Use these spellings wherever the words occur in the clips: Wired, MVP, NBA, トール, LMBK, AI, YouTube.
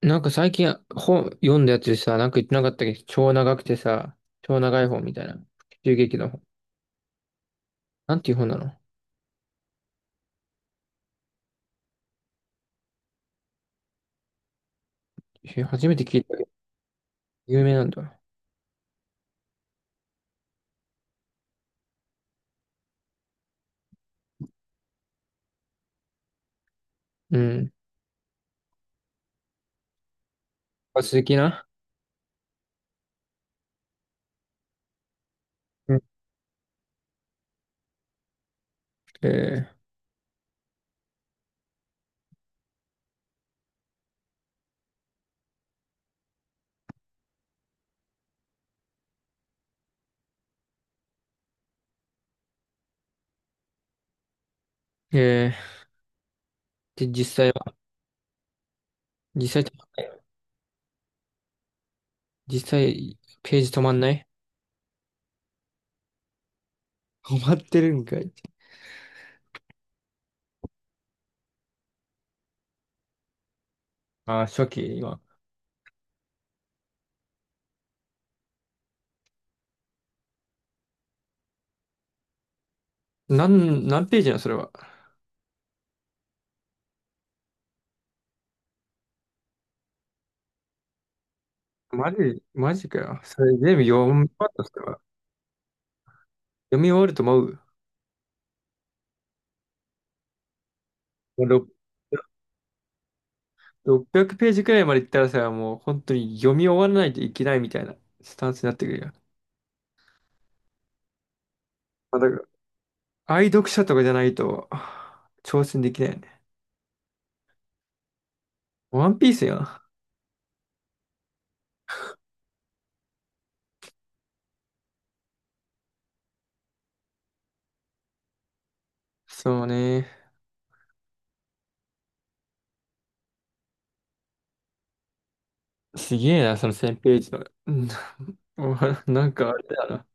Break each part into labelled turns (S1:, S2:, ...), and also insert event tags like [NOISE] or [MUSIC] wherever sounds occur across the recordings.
S1: なんか最近本読んだやつでさ、なんか言ってなかったっけど、超長くてさ、超長い本みたいな。中劇の本。なんていう本なの？え、初めて聞いたけど、有名なんだ。うん。あ、鈴木な。うん。えー、えで、実際は、実際、実際、ページ止まんない？止まってるんかい。あー、初期、今。何ページなのそれは？マジかよ。それ全部読み終わった、それは？読み終わると思う。600ページくらいまで行ったらさ、もう本当に読み終わらないといけないみたいなスタンスになってくるよ。まあ、だから、愛読者とかじゃないと、挑戦できないよね。ワンピースよ。そうね。すげえな、その1000ページの。うん。お、 [LAUGHS] なんかあれだな。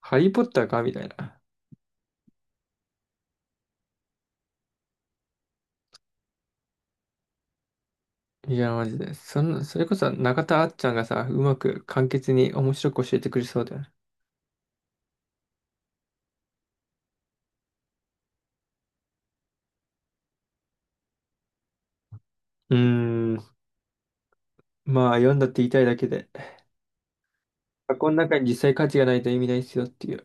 S1: ハリーポッターかみたいな。いや、マジで。そんな、それこそ中田あっちゃんがさ、うまく簡潔に面白く教えてくれそうだよね。うーん。まあ、読んだって言いたいだけで。箱の中に実際価値がないと意味ないっすよっていう。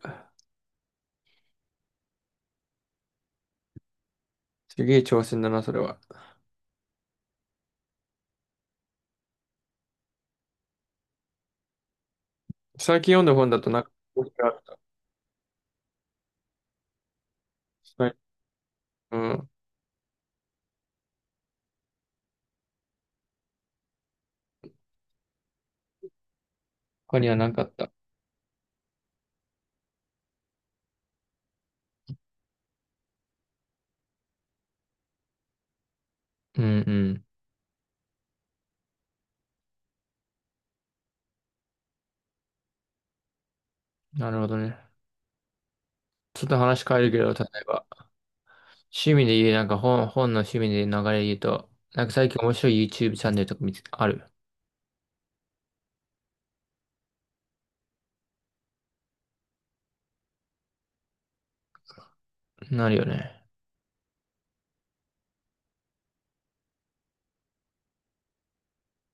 S1: すげえ挑戦だな、それは。最近読んだ本だとなんか、うん。他にはなかった。うんうん。なるほどね。ちょっと話変えるけど、例えば、趣味で言う、なんか本の趣味で流れで言うと、なんか最近面白い YouTube チャンネルとかある？なるよね。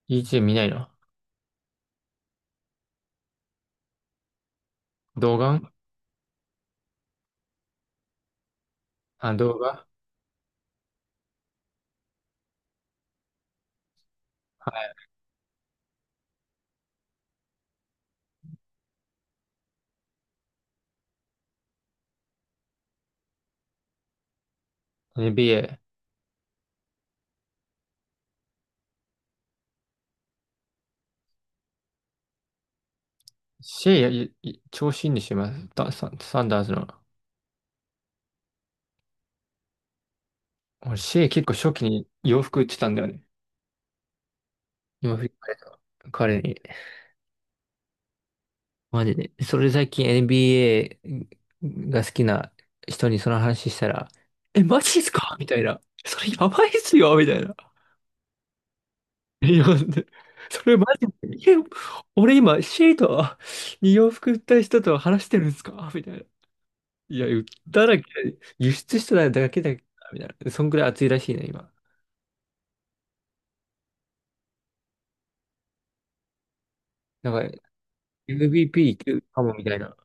S1: YouTube 見ないの？動画？あ、動画。はい。NBA。シェイ、いい調子いいんでしょ、今、ダサンサンダースの。俺、シェイ結構初期に洋服売ってたんだよね。洋服、彼に。マジで。それ最近 NBA が好きな人にその話したら、え、マジっすかみたいな。それやばいっすよみたいな。いや、それマジで、え、俺今シートに洋服売った人と話してるんですかみたいな。いや、売ったら、輸出しただけだけどなみたいな。そんくらい熱いらしいね、今。なんか MVP いけるかもみたいな。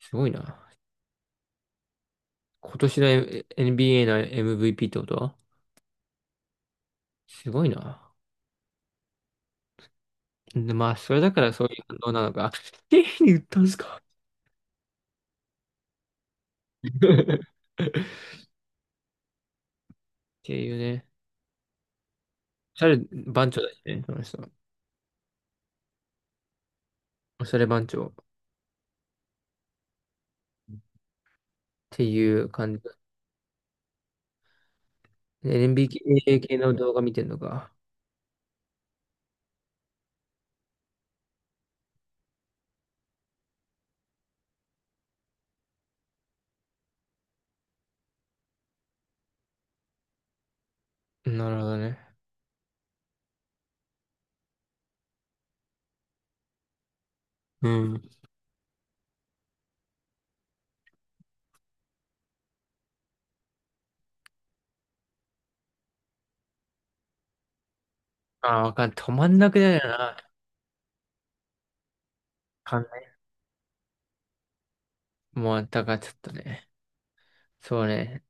S1: すごいな。今年の NBA の MVP ってことはすごいな。で、まあ、それだからそういう反応なのか。経費に売ったんすか？ [LAUGHS] っていうね。おしゃれ番長だしね、その人。おしゃれ番長っていう感じだ。LMBK 系の動画見てんのか？なるほどね。うん。ああ、わかんない、止まんなくなるよな。考もう、だからちょっとね。そうね。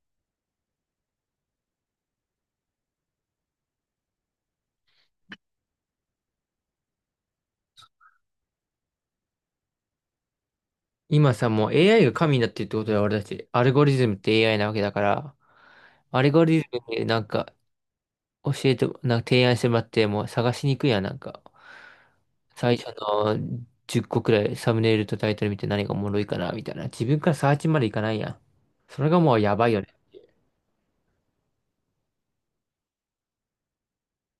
S1: 今さ、もう AI が神になってるってことだよ、俺たち。アルゴリズムって AI なわけだから、アルゴリズムでなんか教えて、なんか提案してもらって、もう探しにくいやん、なんか。最初の10個くらいサムネイルとタイトル見て何がおもろいかなみたいな。自分からサーチまでいかないやん。それがもうやばいよね。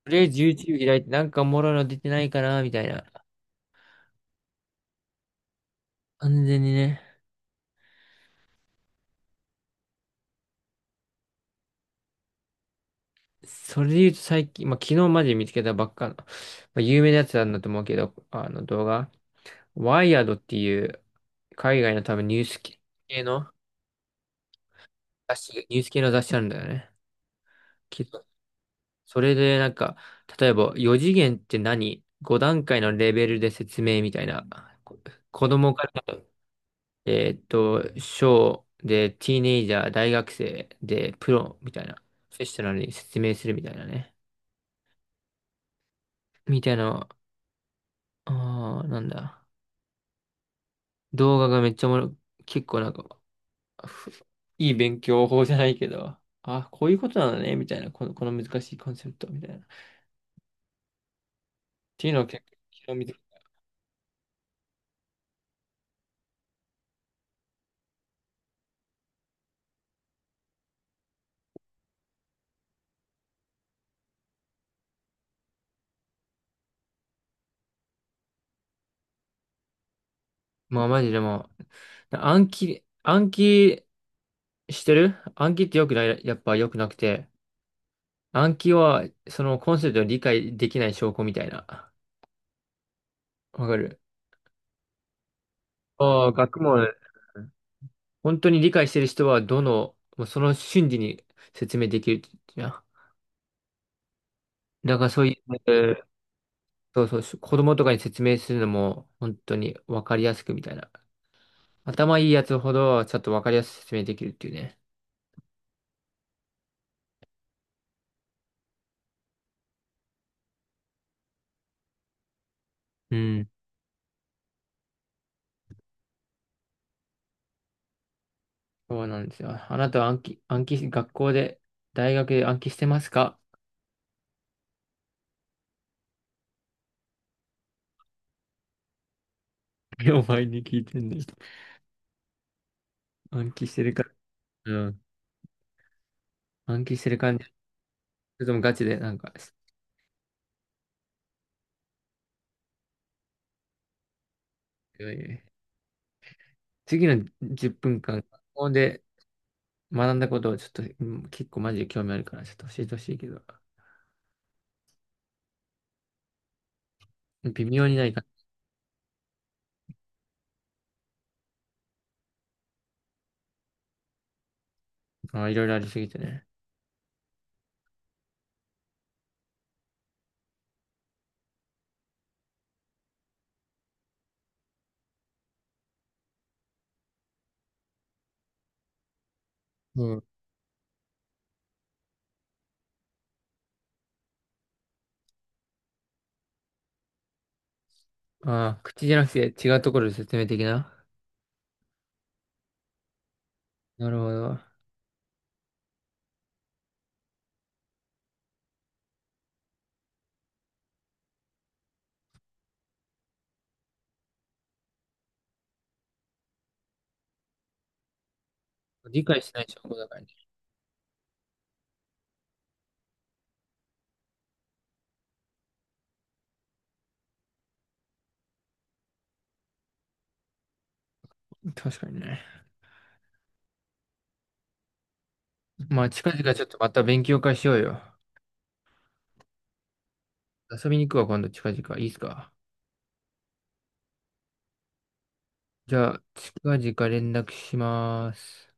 S1: とりあえず YouTube 開いてなんかおもろいの出てないかなみたいな。完全にね。それで言うと最近、まあ、昨日まで見つけたばっかの、まあ、有名なやつなんだと思うけど、あの動画。ワイヤードっていう海外の多分系のニュース系の雑誌あるんだよね。それでなんか、例えば4次元って何？ 5 段階のレベルで説明みたいな。こ子供から、小で、ティーネイジャー、大学生で、プロみたいな。セッショナルに説明するみたいなね。みたいな、あーなんだ。動画がめっちゃおもろ、結構なんか、ふいい勉強法じゃないけど、あ、こういうことなのね、みたいな。この難しいコンセプトみたいな。っていうのを結構、まあマジでもう、暗記してる暗記ってよくない、やっぱ良くなくて、暗記はそのコンセプトを理解できない証拠みたいな。わかる？ああ、学問、本当に理解してる人はもうその瞬時に説明できるじゃん。だからそういう、そうそう、子供とかに説明するのも本当にわかりやすくみたいな。頭いいやつほどちょっとわかりやすく説明できるっていうね。うん。そうなんですよ。あなたは暗記学校で、大学で暗記してますか？ [LAUGHS] お前に聞いてんねん。暗記してるか、うん。暗記してる感じ。それともガチで、なんか、いやいや次の10分間、学校で学んだことをちょっと、うん結構マジで興味あるから、ちょっと教えてほしいけど、微妙にないか、あ、いろいろありすぎてね。うん。ああ、口じゃなくて違うところで説明的な。なるほど。理解しない証拠だからね。確かにね。まあ、近々ちょっとまた勉強会しようよ。遊びに行くわ、今度、近々。いいっすか？じゃあ、近々連絡します。